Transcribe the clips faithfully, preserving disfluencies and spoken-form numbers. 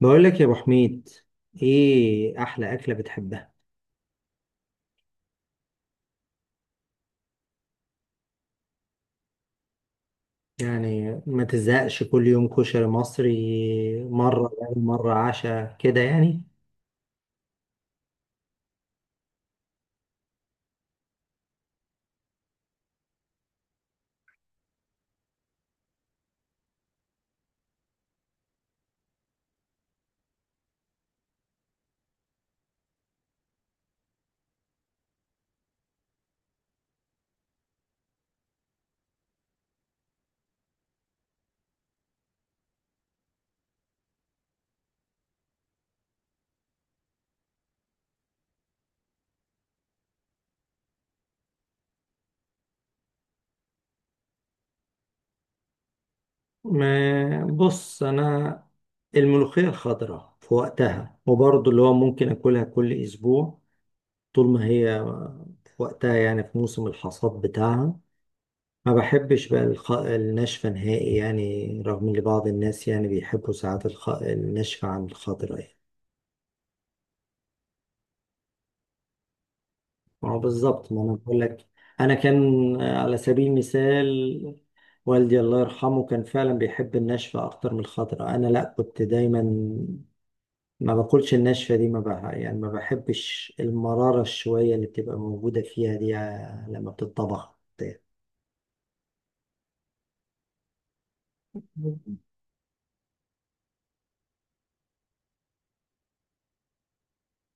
بقول لك يا ابو حميد، ايه احلى اكله بتحبها؟ يعني ما تزهقش كل يوم كشري مصري؟ مره يعني مره عشاء كده يعني. ما بص، انا الملوخيه الخضراء في وقتها، وبرضه اللي هو ممكن اكلها كل اسبوع طول ما هي في وقتها، يعني في موسم الحصاد بتاعها. ما بحبش بقى الخ... الناشفه نهائي يعني، رغم ان بعض الناس يعني بيحبوا ساعات الخ... الناشفه عن الخضراء يعني. ما هو بالظبط ما انا بقول لك. انا كان، آه، على سبيل المثال، والدي الله يرحمه كان فعلا بيحب الناشفه اكتر من الخضراء. انا لا، كنت دايما ما باكلش الناشفه دي، ما بقى يعني، ما بحبش المراره شويه اللي بتبقى موجوده فيها دي، آه، لما بتطبخ.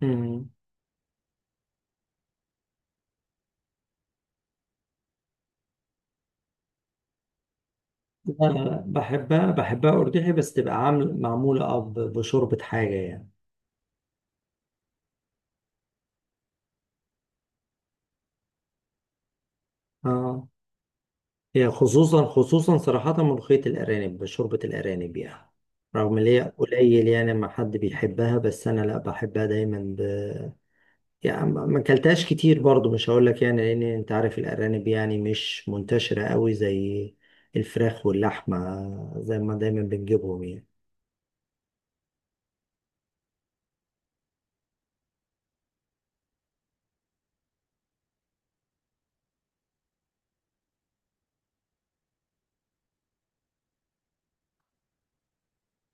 مم. لا لا لا، بحبها بحبها أرجحي، بس تبقى عامل معمولة أه ب- بشوربة حاجة يعني. اه، هي خصوصا خصوصا صراحة ملوخية الأرانب، شوربة الأرانب يعني، رغم إن هي قليل يعني ما حد بيحبها، بس أنا لأ بحبها دايما ب... يعني. ما ما أكلتهاش كتير برضو، مش هقول لك يعني، لأن أنت عارف الأرانب يعني مش منتشرة قوي زي الفراخ واللحمة، زي ما دايما بنجيبهم يعني.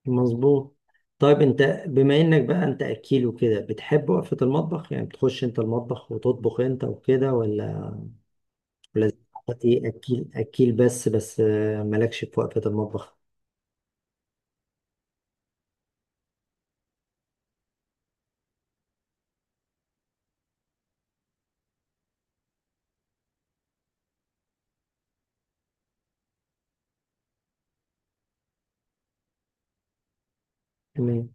مظبوط. طيب أنت بما إنك بقى أنت أكيل وكده، بتحب وقفة المطبخ؟ يعني بتخش أنت المطبخ وتطبخ أنت وكده، ولا ولذتي اكيل اكيل بس بس، آه، مالكش في وقفة المطبخ؟ تمام.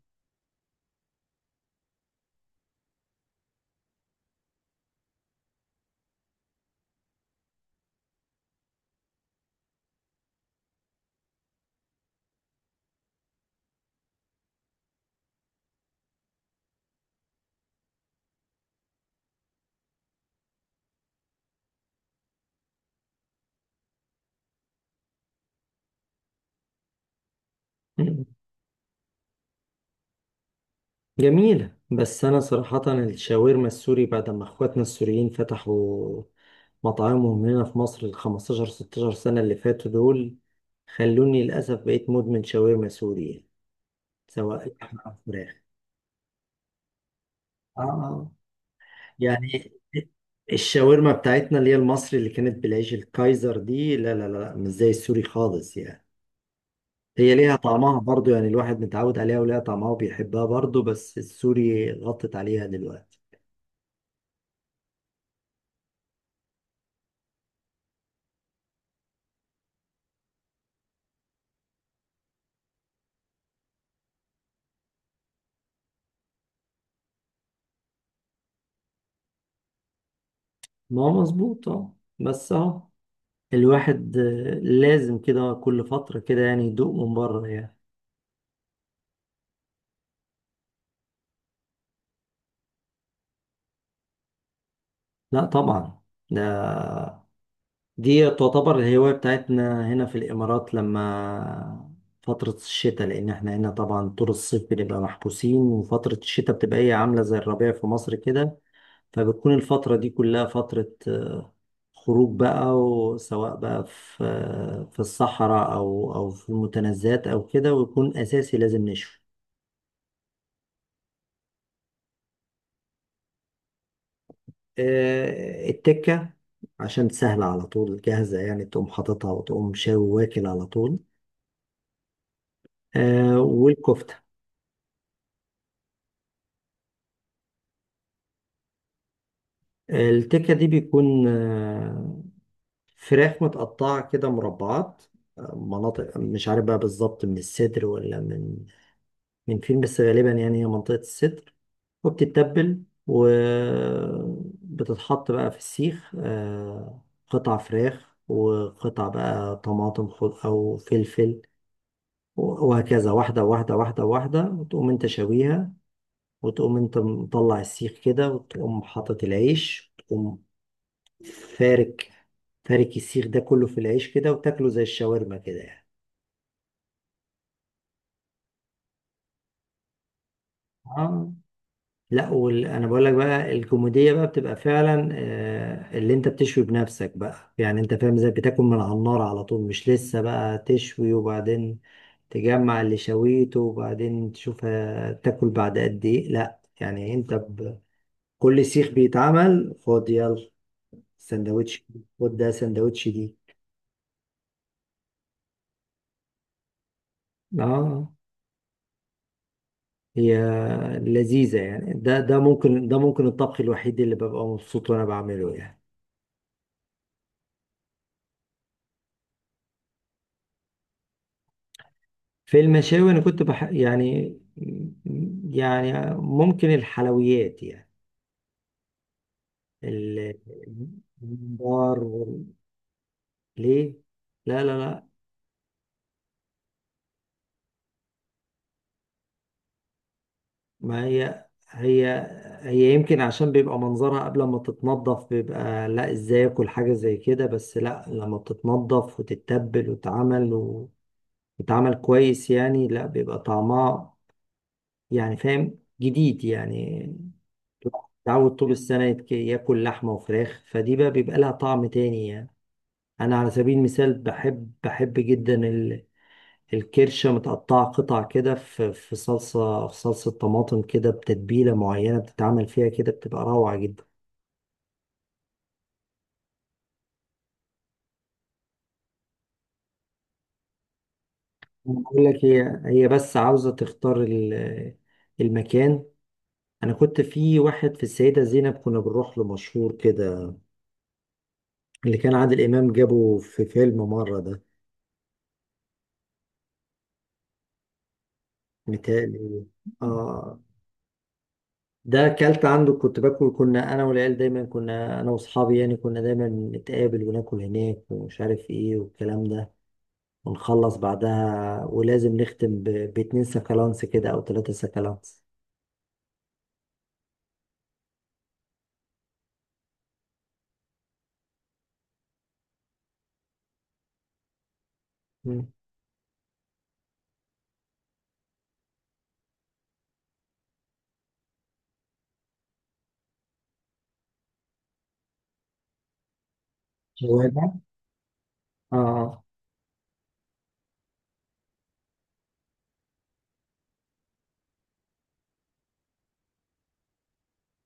مم. جميلة، بس انا صراحة الشاورما السوري بعد ما اخواتنا السوريين فتحوا مطاعمهم هنا في مصر ال خمسة عشر ستاشر سنة اللي فاتوا دول، خلوني للأسف بقيت مدمن شاورما سوري يعني، سواء لحمة أو فراخ. آه، يعني الشاورما بتاعتنا اللي هي المصري اللي كانت بالعيش الكايزر دي، لا لا لا مش زي السوري خالص يعني. هي ليها طعمها برضو يعني، الواحد متعود عليها وليها طعمها وبيحبها برضو، بس السوري غطت عليها دلوقتي. ما هو مظبوط اه، بس اه، الواحد آه، لازم كده كل فترة كده يعني يدوق من بره يعني. لا طبعا، ده دي تعتبر الهواية بتاعتنا هنا في الإمارات لما فترة الشتاء، لأن احنا هنا طبعا طول الصيف بنبقى محبوسين، وفترة الشتاء بتبقى هي عاملة زي الربيع في مصر كده. فبتكون الفترة دي كلها فترة آه، خروج بقى، وسواء بقى في آه، في الصحراء أو أو في المتنزهات أو كده، ويكون أساسي لازم نشوي. آه، التكة، عشان سهلة على طول جاهزة يعني، تقوم حاططها وتقوم شاوي واكل على طول. آه، والكفتة. التكة دي بيكون آه، فراخ متقطعة كده مربعات، آه، مناطق مش عارف بقى بالظبط من الصدر ولا من من فين، بس غالبا يعني هي منطقة الصدر. وبتتبل وبتتحط بقى في السيخ، آه، قطع فراخ وقطع بقى طماطم خض- أو فلفل، وهكذا واحدة واحدة واحدة واحدة، وتقوم انت شويها، وتقوم انت مطلع السيخ كده، وتقوم حاطط العيش، وتقوم فارك، فارك السيخ ده كله في العيش كده، وتاكله زي الشاورما كده يعني. اه. لا وال... انا بقول لك بقى، الكوميديا بقى بتبقى فعلا آه، اللي انت بتشوي بنفسك بقى يعني. انت فاهم ازاي؟ بتاكل من على النار على طول، مش لسه بقى تشوي وبعدين تجمع اللي شويته وبعدين تشوف. آه، تاكل بعد قد ايه؟ لا يعني انت ب... كل سيخ بيتعمل خد يلا سندوتش، خد ده سندوتش دي. اه، هي لذيذة يعني. ده ده ممكن، ده ممكن الطبخ الوحيد اللي ببقى مبسوط وانا بعمله يعني. في المشاوي انا كنت بح... يعني، يعني ممكن الحلويات يعني، ال- الممبار وال- ليه. لا لا لا. ما هي هي هي يمكن عشان بيبقى منظرها قبل ما تتنضف بيبقى لا، ازاي اكل حاجة زي كده؟ بس لا، لما بتتنضف وتتبل وتتعمل و- وتتعمل كويس يعني، لا بيبقى طعمها يعني، فاهم؟ جديد يعني، تعود طول السنة يتك- ياكل لحمة وفراخ، فدي بقى بيبقى لها طعم تاني يعني. أنا على سبيل المثال بحب، بحب جدا ال- الكرشة متقطعة قطع كده في في صلصة، في صلصة طماطم كده، بتتبيلة معينة بتتعمل فيها كده، بتبقى روعة جدا. أنا بقول لك، هي هي بس عاوزة تختار ال- المكان. أنا كنت في واحد في السيدة زينب كنا بنروح له، مشهور كده، اللي كان عادل إمام جابه في فيلم مرة ده، متهيألي. آه، ده اكلت عنده، كنت باكل، كنا انا والعيال دايما، كنا انا واصحابي يعني، كنا دايما نتقابل وناكل هناك ومش عارف ايه والكلام ده، ونخلص بعدها ولازم نختم ب... باتنين سكالانس كده او ثلاثة سكالانس. مم. هو ده؟ اه آه.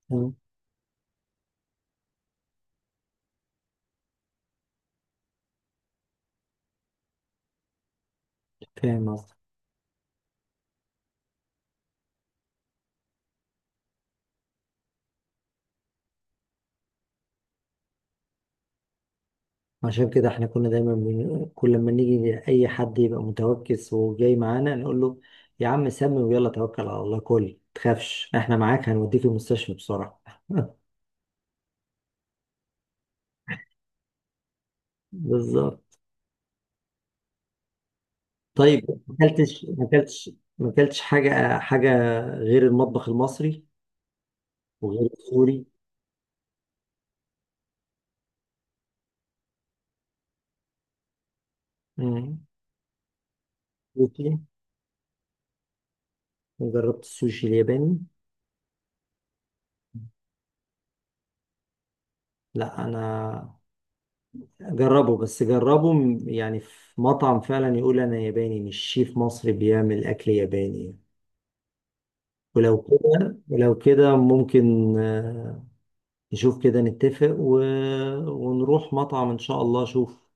مم. فاهم قصدك. عشان كده احنا كنا دايما من... كل ما نيجي اي حد يبقى متوكس وجاي معانا نقول له يا عم سمي ويلا توكل على الله، كل تخافش، احنا معاك، هنوديك المستشفى بسرعة. بالظبط. طيب ما اكلتش؟ ما اكلتش ما اكلتش حاجه حاجه غير المطبخ المصري وغير السوري. مم. السوشي؟ جربت السوشي الياباني؟ لا انا جربه، بس جربه م- يعني، في مطعم فعلا يقول انا ياباني، مش شيف مصري بيعمل اكل ياباني. ولو كده ولو كده ممكن آه، نشوف كده نتفق و... ونروح مطعم ان شاء الله اشوف.